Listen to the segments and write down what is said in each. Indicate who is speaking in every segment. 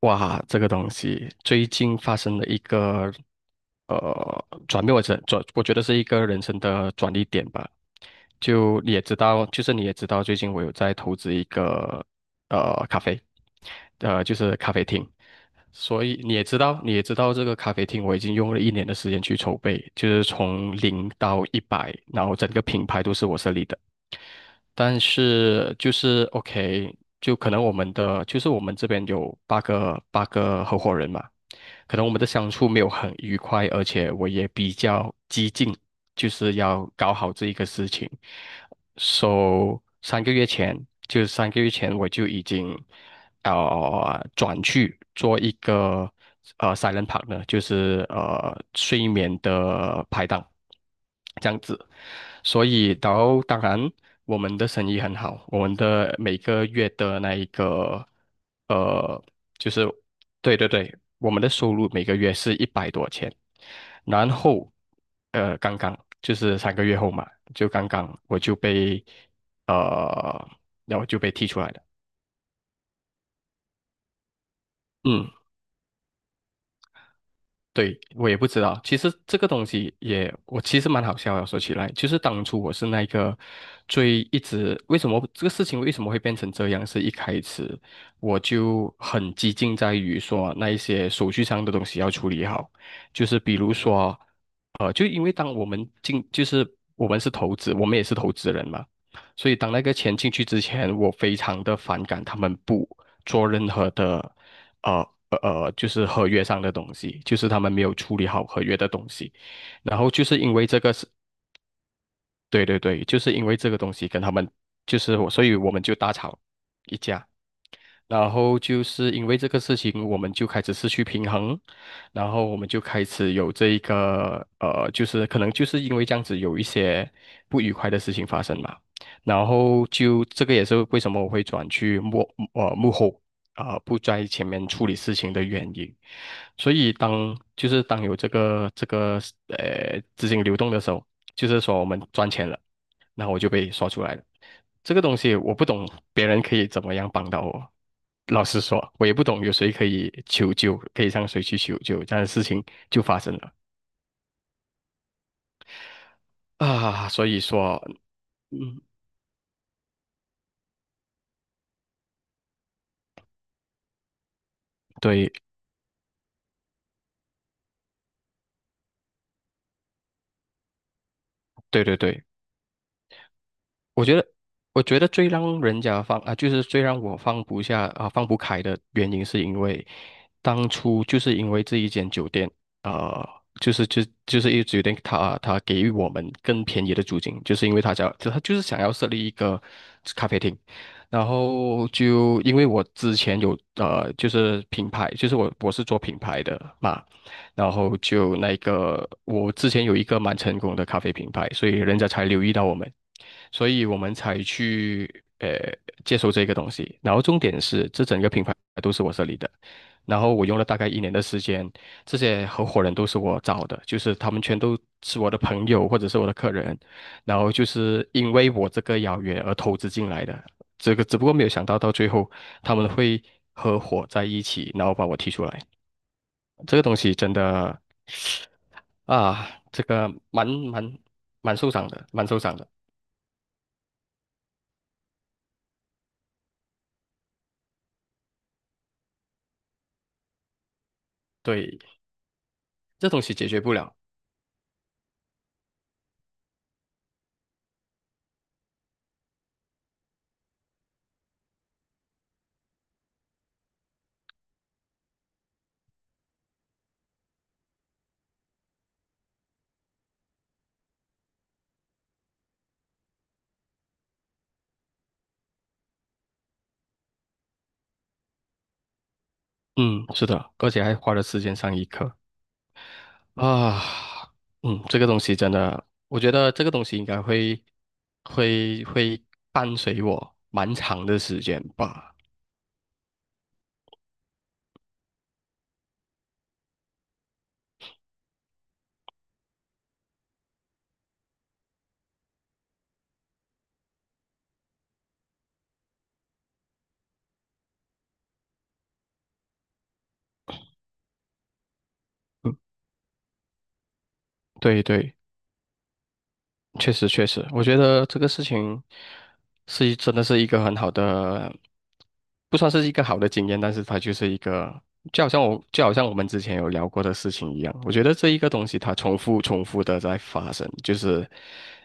Speaker 1: 哇，这个东西最近发生了一个转变，我觉得是一个人生的转捩点吧。就是你也知道，最近我有在投资一个咖啡，就是咖啡厅，所以你也知道，你也知道这个咖啡厅我已经用了一年的时间去筹备，就是从零到一百，然后整个品牌都是我设立的。但是就是 OK，就可能我们的就是我们这边有八个合伙人嘛，可能我们的相处没有很愉快，而且我也比较激进，就是要搞好这一个事情。So三个月前我就已经转去做一个silent partner，就是睡眠的拍档这样子。所以，当然我们的生意很好，我们的每个月的那一个呃就是对对对，我们的收入每个月是100多钱，然后刚刚就是3个月后嘛，就刚刚我就被呃然后就被踢出来了。嗯。对，我也不知道。其实这个东西也，我其实蛮好笑的。说起来，就是当初我是那个一直为什么这个事情为什么会变成这样，是一开始我就很激进在于说那一些手续上的东西要处理好，就是比如说，就因为当我们进，就是我们是投资，我们也是投资人嘛，所以当那个钱进去之前，我非常的反感他们不做任何的。就是合约上的东西，就是他们没有处理好合约的东西，然后就是因为这个是，对对对，就是因为这个东西跟他们就是我，所以我们就大吵一架，然后就是因为这个事情，我们就开始失去平衡，然后我们就开始有这一个就是可能就是因为这样子有一些不愉快的事情发生嘛。然后就这个也是为什么我会转去幕后啊、不在前面处理事情的原因。所以当就是当有这个资金流动的时候，就是说我们赚钱了。然后我就被刷出来了。这个东西我不懂，别人可以怎么样帮到我？老实说，我也不懂有谁可以求救，可以向谁去求救，这样的事情就发生了啊。所以说，嗯，对对对对，我觉得，我觉得最让人家放啊，就是最让我放不下啊，放不开的原因，是因为当初就是因为这一间酒店，啊，就是一酒店他给予我们更便宜的租金，就是因为他就是想要设立一个咖啡厅，然后就因为我之前有就是品牌，就是我是做品牌的嘛，然后就那个我之前有一个蛮成功的咖啡品牌，所以人家才留意到我们。所以我们才去呃接受这个东西。然后重点是，这整个品牌都是我设立的，然后我用了大概一年的时间，这些合伙人都是我找的，就是他们全都是我的朋友或者是我的客人，然后就是因为我这个邀约而投资进来的。这个只不过没有想到到最后他们会合伙在一起，然后把我踢出来。这个东西真的啊，这个蛮受伤的，蛮受伤的。对，这东西解决不了。嗯，是的，而且还花了时间上一课啊。嗯，这个东西真的，我觉得这个东西应该会伴随我蛮长的时间吧。对对。确实确实，我觉得这个事情真的是一个很好的，不算是一个好的经验，但是它就是一个，就好像我们之前有聊过的事情一样，我觉得这一个东西它重复重复的在发生，就是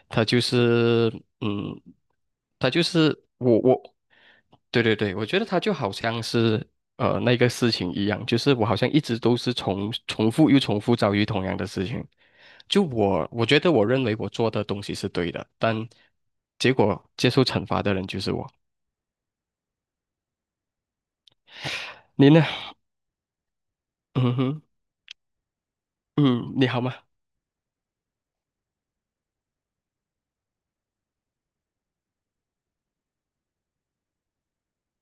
Speaker 1: 它就是嗯，它就是我我，对对对，我觉得它就好像是那个事情一样，就是我好像一直都是重重复又重复遭遇同样的事情。就我，我觉得我认为我做的东西是对的，但结果接受惩罚的人就是我。你呢？嗯哼，嗯，你好吗？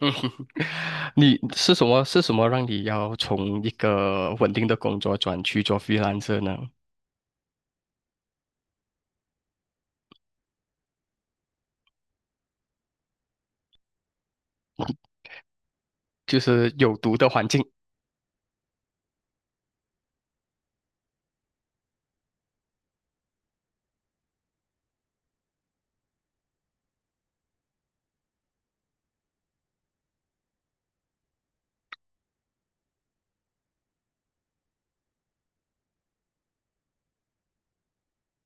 Speaker 1: 嗯哼，你是什么？是什么让你要从一个稳定的工作转去做 freelancer 呢？就是有毒的环境。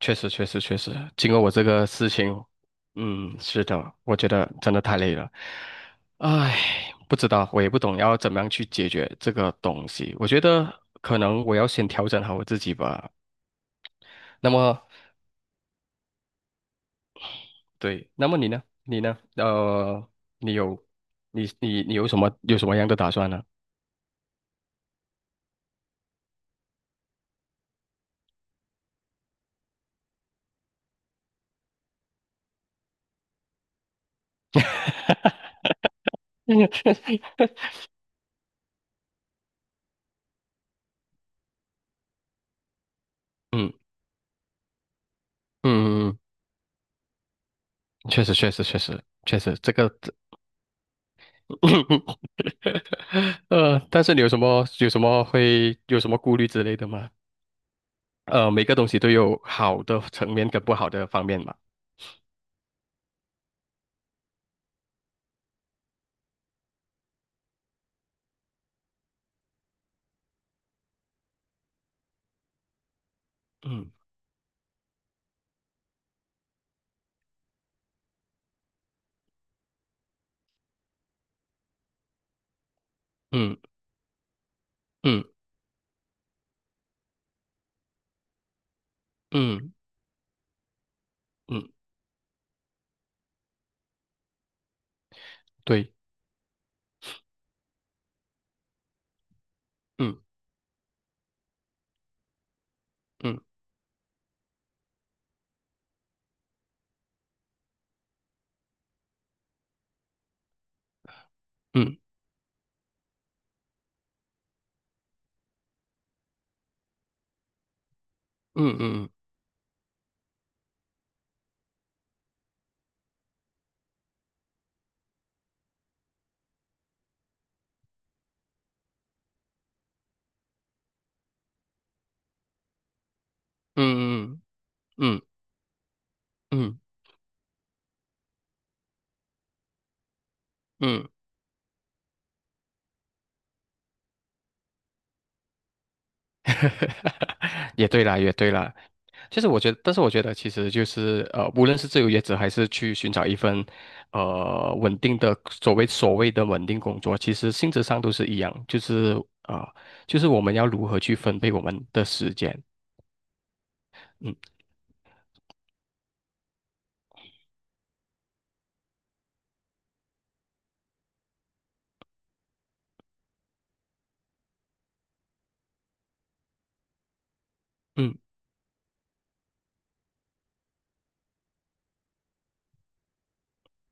Speaker 1: 确实，确实，确实，经过我这个事情，嗯，是的，我觉得真的太累了。唉，不知道，我也不懂要怎么样去解决这个东西。我觉得可能我要先调整好我自己吧。那么，对，那么你呢？你有，你有什么样的打算呢？嗯嗯嗯，确实确实确实确实，这个 但是你有什么有什么会有什么顾虑之类的吗？每个东西都有好的层面跟不好的方面嘛。嗯嗯嗯嗯嗯，嗯对，嗯嗯嗯嗯嗯嗯嗯嗯嗯嗯嗯嗯嗯 也对啦，也对啦。其实我觉得，但是我觉得，其实就是无论是自由业者还是去寻找一份稳定的所谓的稳定工作，其实性质上都是一样，就是呃，就是我们要如何去分配我们的时间。嗯嗯，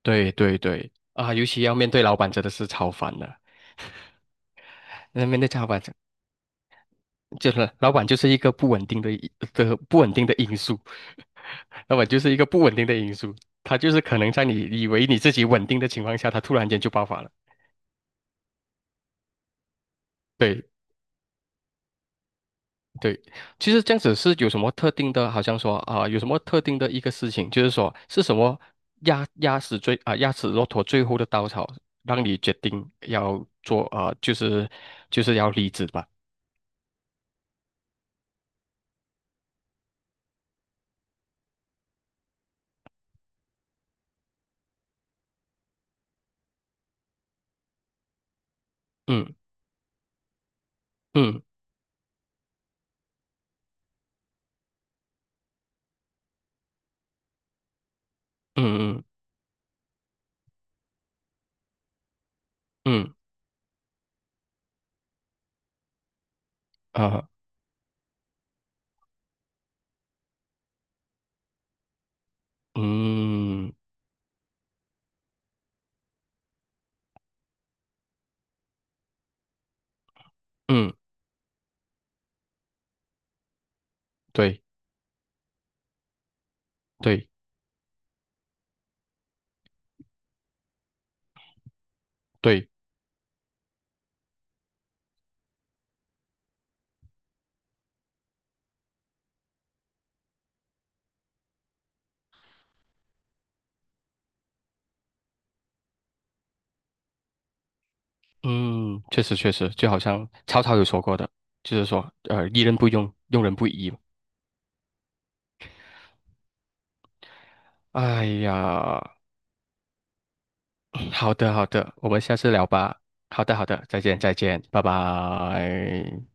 Speaker 1: 对对对啊，尤其要面对老板，真的是超烦的。那面对老板，就是老板就是一个不稳定的因素。那么就是一个不稳定的因素，它就是可能在你以为你自己稳定的情况下，它突然间就爆发了。对对，其实这样子是有什么特定的，好像说啊、有什么特定的一个事情，就是说是什么压死骆驼最后的稻草，让你决定要做啊、就是要离职吧。嗯嗯嗯嗯嗯啊嗯嗯，对对对嗯，确实确实，就好像曹操有说过的，就是说，疑人不用，用人不疑。哎呀，好的好的，我们下次聊吧。好的好的，再见再见，拜拜。